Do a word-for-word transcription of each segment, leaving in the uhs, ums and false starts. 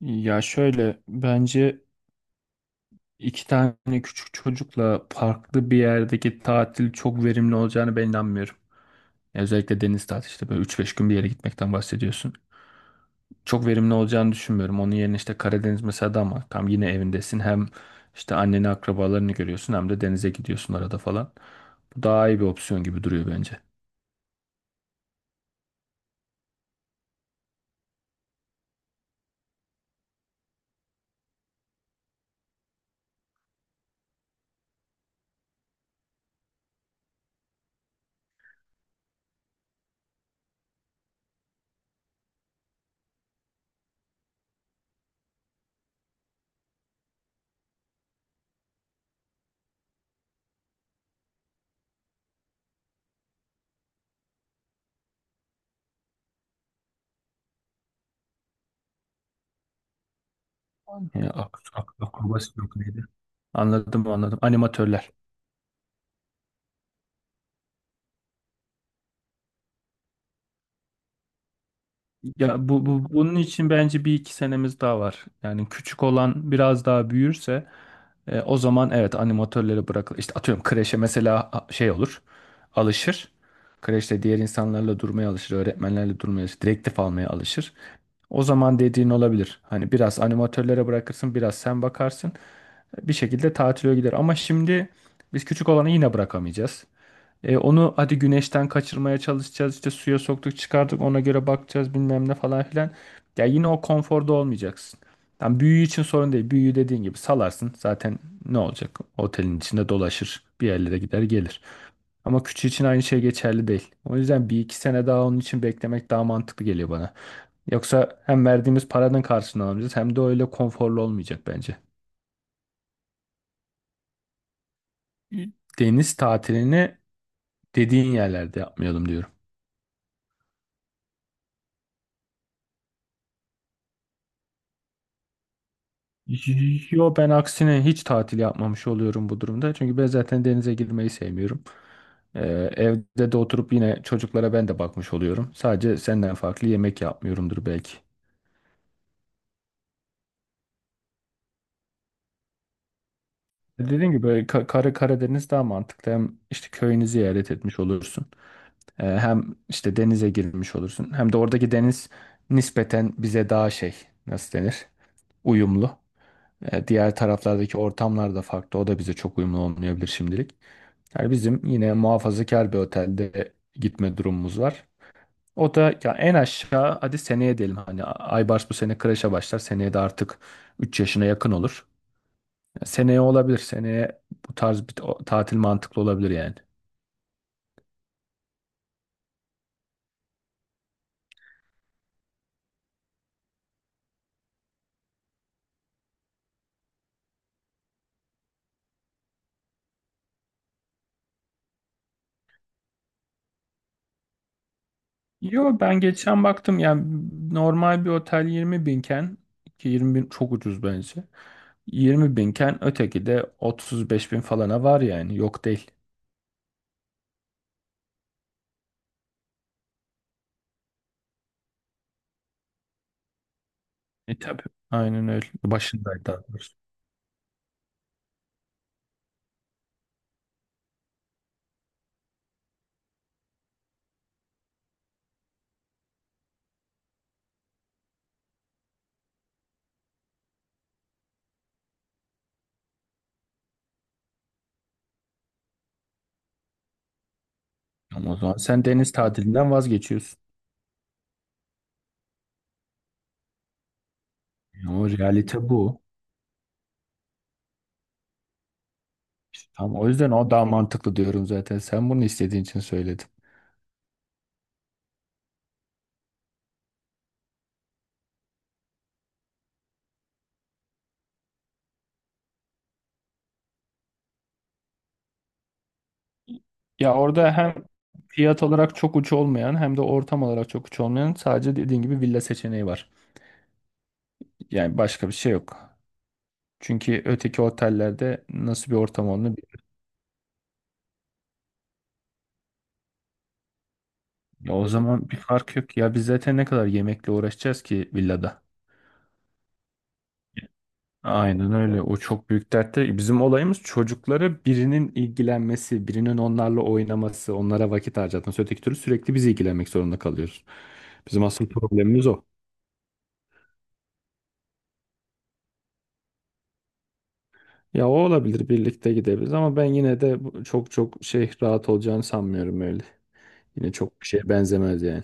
Ya şöyle bence iki tane küçük çocukla farklı bir yerdeki tatil çok verimli olacağını ben inanmıyorum. Ya özellikle deniz tatili işte böyle üç beş gün bir yere gitmekten bahsediyorsun. Çok verimli olacağını düşünmüyorum. Onun yerine işte Karadeniz mesela da ama tam yine evindesin. Hem işte anneni akrabalarını görüyorsun hem de denize gidiyorsun arada falan. Bu daha iyi bir opsiyon gibi duruyor bence. Ya, ak- ak- akrobasi yok neydi? Anladım anladım. Animatörler. Ya bu, bu bunun için bence bir iki senemiz daha var. Yani küçük olan biraz daha büyürse e, o zaman evet animatörleri bırakılır. İşte atıyorum kreşe mesela a- şey olur. Alışır. Kreşte diğer insanlarla durmaya alışır, öğretmenlerle durmaya alışır, direktif almaya alışır. O zaman dediğin olabilir. Hani biraz animatörlere bırakırsın, biraz sen bakarsın. Bir şekilde tatile gider. Ama şimdi biz küçük olanı yine bırakamayacağız. E, onu hadi güneşten kaçırmaya çalışacağız, işte suya soktuk çıkardık ona göre bakacağız bilmem ne falan filan. Ya yine o konforda olmayacaksın. Tam büyüğü için sorun değil. Büyüğü dediğin gibi salarsın. Zaten ne olacak? Otelin içinde dolaşır. Bir yerlere gider gelir. Ama küçüğü için aynı şey geçerli değil. O yüzden bir iki sene daha onun için beklemek daha mantıklı geliyor bana. Yoksa hem verdiğimiz paranın karşılığını alamayacağız hem de öyle konforlu olmayacak bence. Deniz tatilini dediğin yerlerde yapmayalım diyorum. Yo, ben aksine hiç tatil yapmamış oluyorum bu durumda. Çünkü ben zaten denize girmeyi sevmiyorum. Ee, Evde de oturup yine çocuklara ben de bakmış oluyorum. Sadece senden farklı yemek yapmıyorumdur belki. E, Dediğim gibi böyle Ka- Kara- Karadeniz daha mantıklı. Hem işte köyünü ziyaret etmiş olursun. Ee, hem işte denize girmiş olursun. Hem de oradaki deniz nispeten bize daha şey, nasıl denir? Uyumlu. E, diğer taraflardaki ortamlar da farklı. O da bize çok uyumlu olmayabilir şimdilik. Yani bizim yine muhafazakar bir otelde gitme durumumuz var. O da ya en aşağı hadi seneye diyelim. Hani Aybars bu sene kreşe başlar. Seneye de artık üç yaşına yakın olur. Ya seneye olabilir. Seneye bu tarz bir ta- tatil mantıklı olabilir yani. Yo, ben geçen baktım yani normal bir otel yirmi binken, ki yirmi bin çok ucuz bence. yirmi binken öteki de otuz beş bin falana var yani, yok değil. E tabii. Aynen öyle. Başındaydı daha doğrusu. Ama o zaman sen deniz tatilinden vazgeçiyorsun. Ya o realite bu. Tamam, o yüzden o daha mantıklı diyorum zaten. Sen bunu istediğin için söyledim. Ya orada hem fiyat olarak çok uç olmayan hem de ortam olarak çok uç olmayan sadece dediğin gibi villa seçeneği var. Yani başka bir şey yok. Çünkü öteki otellerde nasıl bir ortam olduğunu... Ya o zaman bir fark yok ya, biz zaten ne kadar yemekle uğraşacağız ki villada. Aynen öyle, o çok büyük dert değil. Bizim olayımız çocuklara birinin ilgilenmesi, birinin onlarla oynaması, onlara vakit harcatması. Öteki türlü sürekli biz ilgilenmek zorunda kalıyoruz. Bizim asıl problemimiz o. Ya o olabilir, birlikte gidebiliriz ama ben yine de bu- çok çok şey rahat olacağını sanmıyorum öyle. Yine çok bir şeye benzemez yani.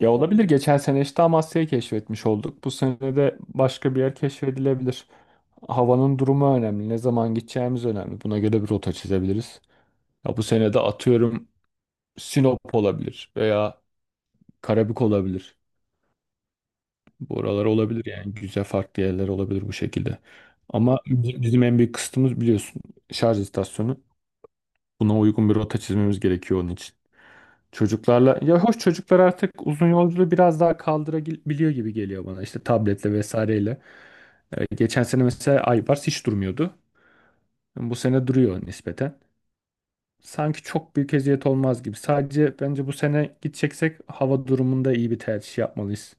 Ya olabilir. Geçen sene işte Amasya'yı keşfetmiş olduk. Bu sene de başka bir yer keşfedilebilir. Havanın durumu önemli. Ne zaman gideceğimiz önemli. Buna göre bir rota çizebiliriz. Ya bu sene de atıyorum Sinop olabilir veya Karabük olabilir. Buralar olabilir yani, güzel farklı yerler olabilir bu şekilde. Ama bi- bizim en büyük kısıtımız biliyorsun, şarj istasyonu. Buna uygun bir rota çizmemiz gerekiyor onun için. Çocuklarla ya hoş, çocuklar artık uzun yolculuğu biraz daha kaldırabiliyor gibi geliyor bana işte tabletle vesaireyle. Ee, geçen sene mesela Aybars hiç durmuyordu. Bu sene duruyor nispeten. Sanki çok büyük eziyet olmaz gibi. Sadece bence bu sene gideceksek hava durumunda iyi bir tercih yapmalıyız.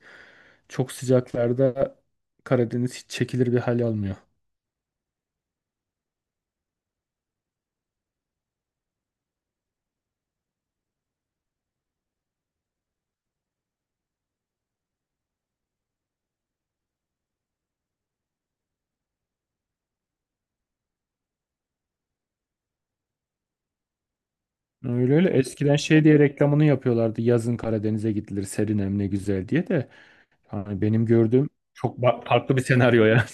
Çok sıcaklarda Karadeniz hiç çekilir bir hal almıyor. Öyle öyle. Eskiden şey diye reklamını yapıyorlardı. Yazın Karadeniz'e gidilir, serin hem ne güzel diye de. Yani benim gördüğüm çok ba- farklı bir senaryo ya.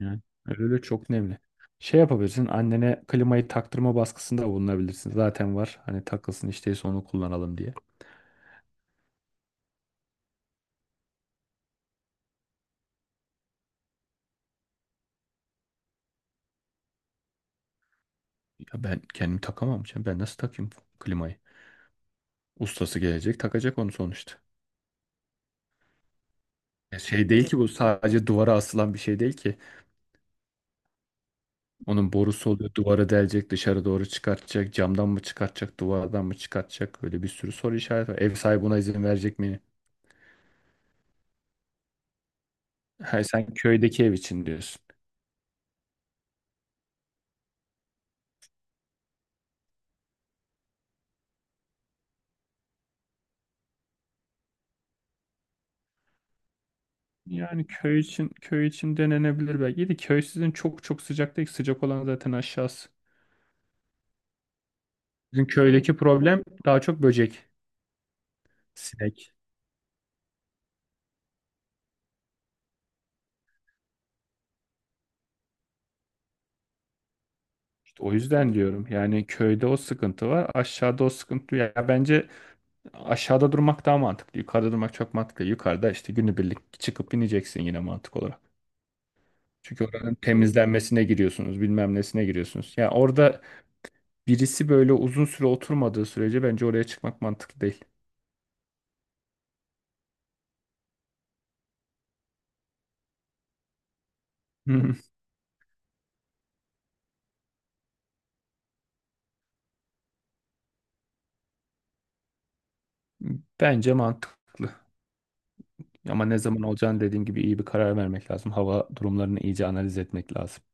Yani öyle çok nemli. Şey yapabilirsin, annene klimayı taktırma baskısında bulunabilirsin. Zaten var hani, takılsın işteyse onu kullanalım diye. Ya ben kendim takamam canım. Ben nasıl takayım klimayı? Ustası gelecek takacak onu sonuçta. Ya şey değil ki bu, sadece duvara asılan bir şey değil ki. Onun borusu oluyor, duvara delecek, dışarı doğru çıkartacak. Camdan mı çıkartacak, duvardan mı çıkartacak. Böyle bir sürü soru işareti var. Ev sahibi buna izin verecek mi? Ha, sen köydeki ev için diyorsun. Yani köy için, köy için denenebilir belki. İyi de köy sizin çok çok sıcak değil. Sıcak olan zaten aşağısı. Bizim köydeki problem daha çok böcek, sinek. İşte o yüzden diyorum. Yani köyde o sıkıntı var. Aşağıda o sıkıntı yok. Ya bence aşağıda durmak daha mantıklı. Yukarıda durmak çok mantıklı. Yukarıda işte günübirlik çıkıp ineceksin yine mantık olarak. Çünkü oranın temizlenmesine giriyorsunuz, bilmem nesine giriyorsunuz. Ya orada birisi böyle uzun süre oturmadığı sürece bence oraya çıkmak mantıklı değil. Bence mantıklı. Ama ne zaman olacağını dediğin gibi iyi bir karar vermek lazım. Hava durumlarını iyice analiz etmek lazım.